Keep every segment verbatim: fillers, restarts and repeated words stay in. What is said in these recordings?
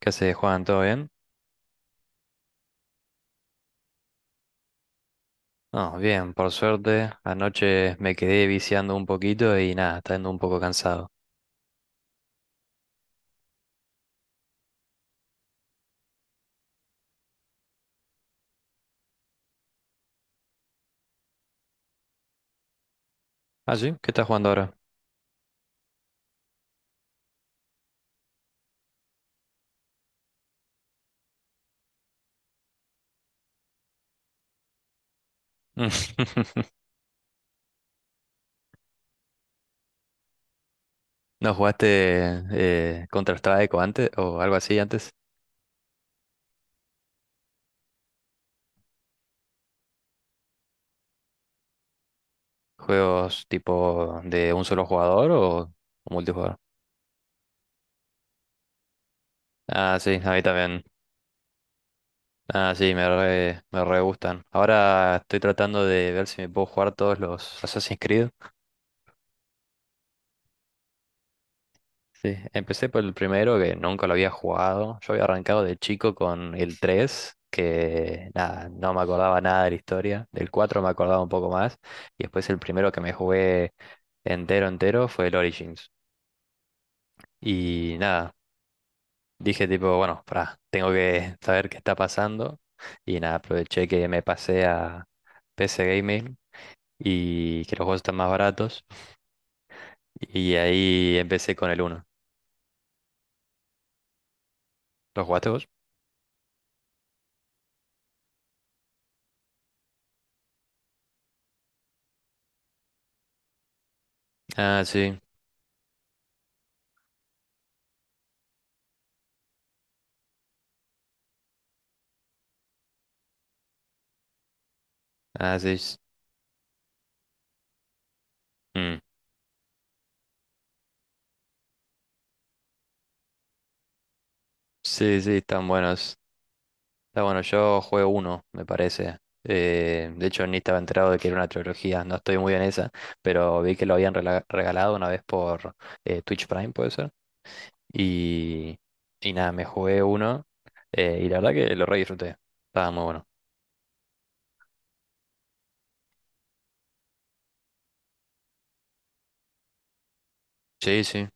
¿Qué haces, Juan? ¿Todo bien? No, bien, por suerte. Anoche me quedé viciando un poquito y nada, está yendo un poco cansado. Ah, sí, ¿qué estás jugando ahora? ¿No jugaste eh, Counter-Strike o antes o algo así antes? ¿Juegos tipo de un solo jugador o, o multijugador? Ah, sí, a mí también. Ah, sí, me re, me re gustan. Ahora estoy tratando de ver si me puedo jugar todos los Assassin's Creed. Sí, empecé por el primero que nunca lo había jugado. Yo había arrancado de chico con el tres, que nada, no me acordaba nada de la historia. Del cuatro me acordaba un poco más. Y después el primero que me jugué entero, entero fue el Origins. Y nada, dije tipo, bueno, pará, tengo que saber qué está pasando. Y nada, aproveché que me pasé a P C Gaming y que los juegos están más baratos. Y ahí empecé con el uno. ¿Los jugaste vos? Ah, sí. Ah, sí. Sí, sí, están buenos. Está bueno, yo juego uno, me parece. Eh, de hecho, ni estaba enterado de que era una trilogía, no estoy muy en esa, pero vi que lo habían rela- regalado una vez por eh, Twitch Prime, puede ser. Y, y nada, me jugué uno, eh, y la verdad que lo re disfruté. Estaba muy bueno. Sí, sí.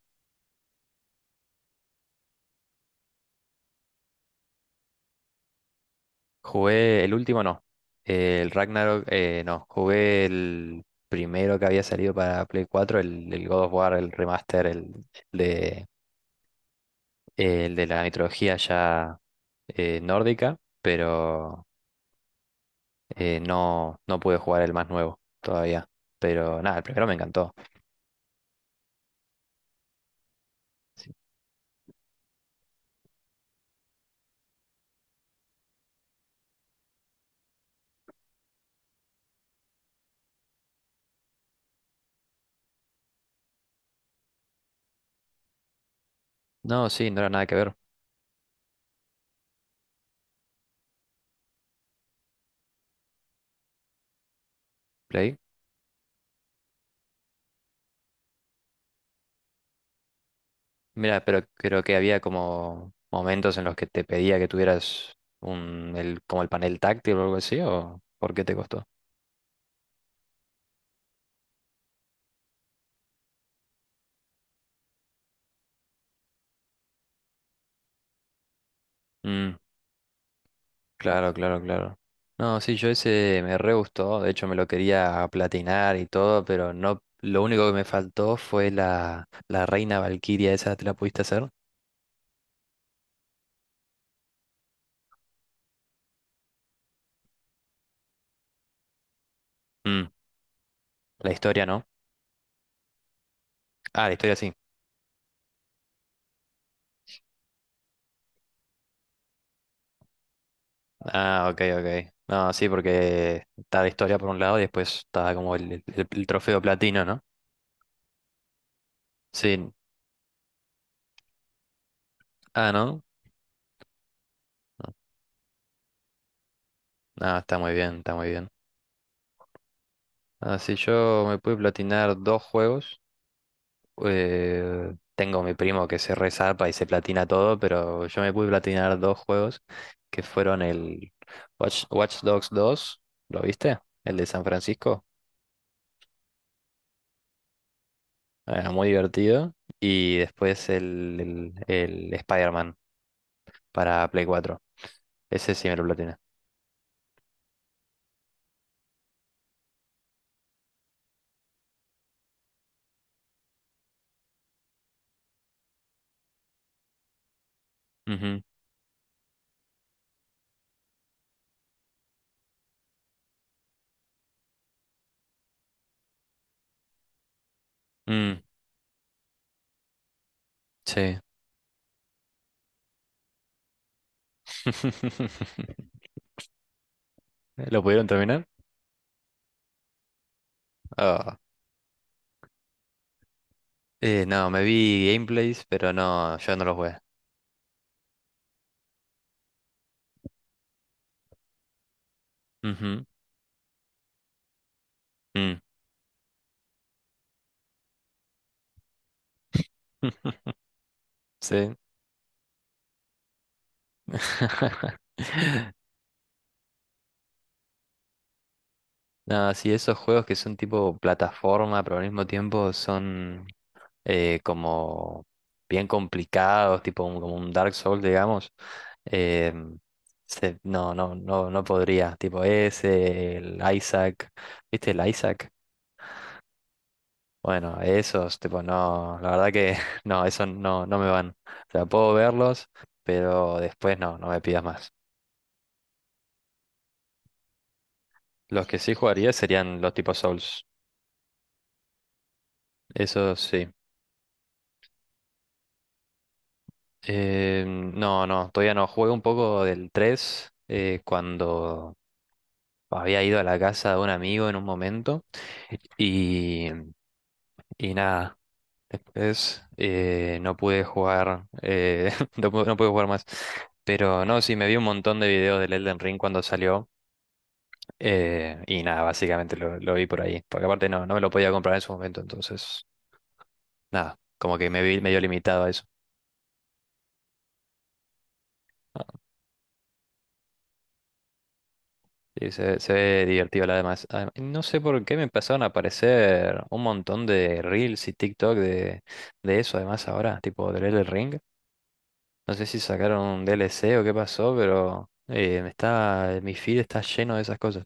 Jugué el último, no. El Ragnarok, eh, no. Jugué el primero que había salido para Play cuatro, el, el God of War, el remaster, el el de eh, el de la mitología ya eh, nórdica, pero eh, no, no pude jugar el más nuevo todavía. Pero nada, el primero me encantó. Sí. No, sí, no era nada que ver. Play. Mira, pero creo que había como momentos en los que te pedía que tuvieras un, el, como el panel táctil o algo así, ¿o por qué te costó? Mm. Claro, claro, claro. No, sí, yo ese me re gustó, de hecho me lo quería platinar y todo, pero no, lo único que me faltó fue la, la reina Valquiria, ¿esa te la pudiste hacer? Mm, la historia, ¿no? Ah, la historia sí. Ah, ok, ok. No, sí, porque está la historia por un lado y después está como el, el- el trofeo platino, ¿no? Sí. Ah, ¿no? No. Ah, está muy bien, está muy bien. Ah, sí, yo me pude platinar dos juegos. Eh, tengo mi primo que se resarpa y se platina todo, pero yo me pude platinar dos juegos que fueron el Watch, Watch Dogs dos, ¿lo viste? El de San Francisco, eh, muy divertido. Y después el, el, el Spider-Man para Play cuatro. Ese sí me lo platiné. Ujú. Mm, sí. ¿Lo pudieron terminar? Ah. Eh, no, me vi gameplays, pero no, yo no los jugué. Ujú. Mm. Sí. No, sí, esos juegos que son tipo plataforma, pero al mismo tiempo son eh, como bien complicados, tipo un- como un Dark Souls, digamos. eh, se- no, no, no, no podría. Tipo ese, el Isaac, ¿viste el Isaac? Bueno, esos, tipo, no, la verdad que no, esos no, no me van. O sea, puedo verlos, pero después no, no me pidas más. Los que sí jugaría serían los tipos Souls. Eso sí. Eh, no, no, todavía no. Jugué un poco del tres eh, cuando había ido a la casa de un amigo en un momento y, y nada, después eh, no pude jugar, eh, no, pu- no pude jugar más. Pero no, sí, me vi un montón de videos del Elden Ring cuando salió, eh, y nada, básicamente lo, lo vi por ahí, porque aparte no, no me lo podía comprar en su momento, entonces nada, como que me vi medio limitado a eso. Sí, se, se ve divertido la demás. Adem- No sé por qué me empezaron a aparecer un montón de reels y TikTok de, de eso, además ahora, tipo del Elden Ring. No sé si sacaron un D L C o qué pasó, pero eh, me está, mi feed está lleno de esas cosas.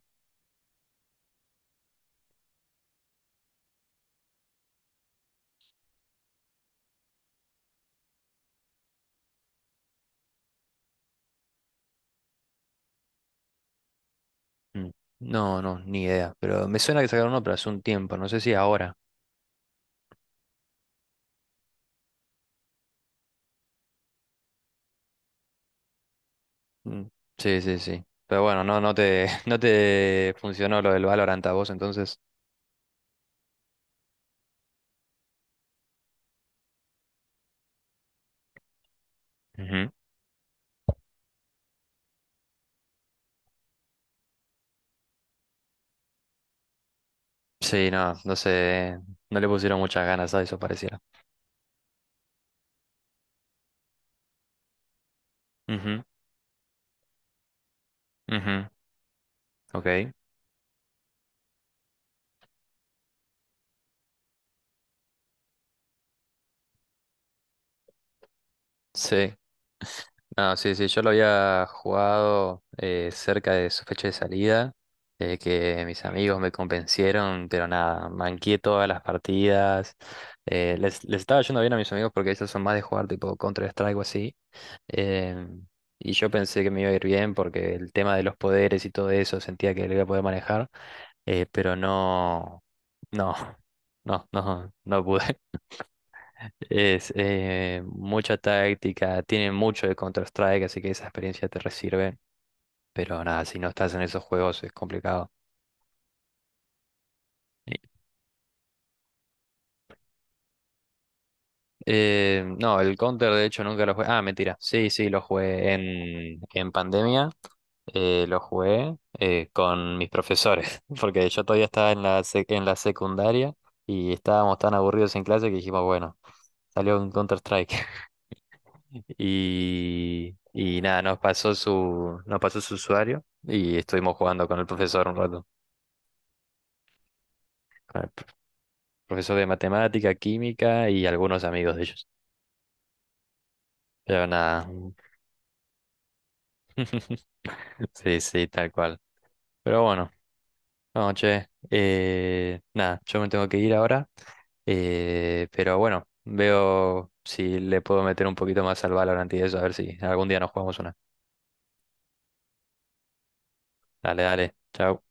Mm. No, no, ni idea. Pero me suena que sacaron uno, pero hace un tiempo, no sé si ahora. Mm. Sí, sí, sí. Pero bueno, no, no te, no te funcionó lo del Valorant a vos entonces. Ujú. Sí, no, no sé, no le pusieron muchas ganas a eso, pareciera. Ujú. Ujú. Ok, sí. No, sí, sí, yo lo había jugado eh, cerca de su fecha de salida, eh, que mis amigos me convencieron, pero nada, manqué todas las partidas. eh, les, les estaba yendo bien a mis amigos porque ellos son más de jugar tipo Counter-Strike o así. em, y yo pensé que me iba a ir bien porque el tema de los poderes y todo eso sentía que lo iba a poder manejar, eh, pero no, no, no, no, no pude. Es eh, mucha táctica, tiene mucho de Counter-Strike, así que esa experiencia te resirve. Pero nada, si no estás en esos juegos es complicado. Y- eh, no, el Counter de hecho nunca lo jugué. Ah, mentira. Sí, sí, lo jugué en, en pandemia. Eh, lo jugué eh, con mis profesores, porque yo todavía estaba en la, sec- en la secundaria y estábamos tan aburridos en clase que dijimos, bueno, salió un Counter-Strike. Y, y nada, nos pasó su, nos pasó su usuario y estuvimos jugando con el profesor un rato. Con el pr- Profesor de matemática, química y algunos amigos de ellos. Pero nada. Sí, sí, tal cual. Pero bueno. No, che, eh, nada, yo me tengo que ir ahora, eh, pero bueno, veo si le puedo meter un poquito más al Valorant y eso, a ver si algún día nos jugamos una. Dale, dale, chao.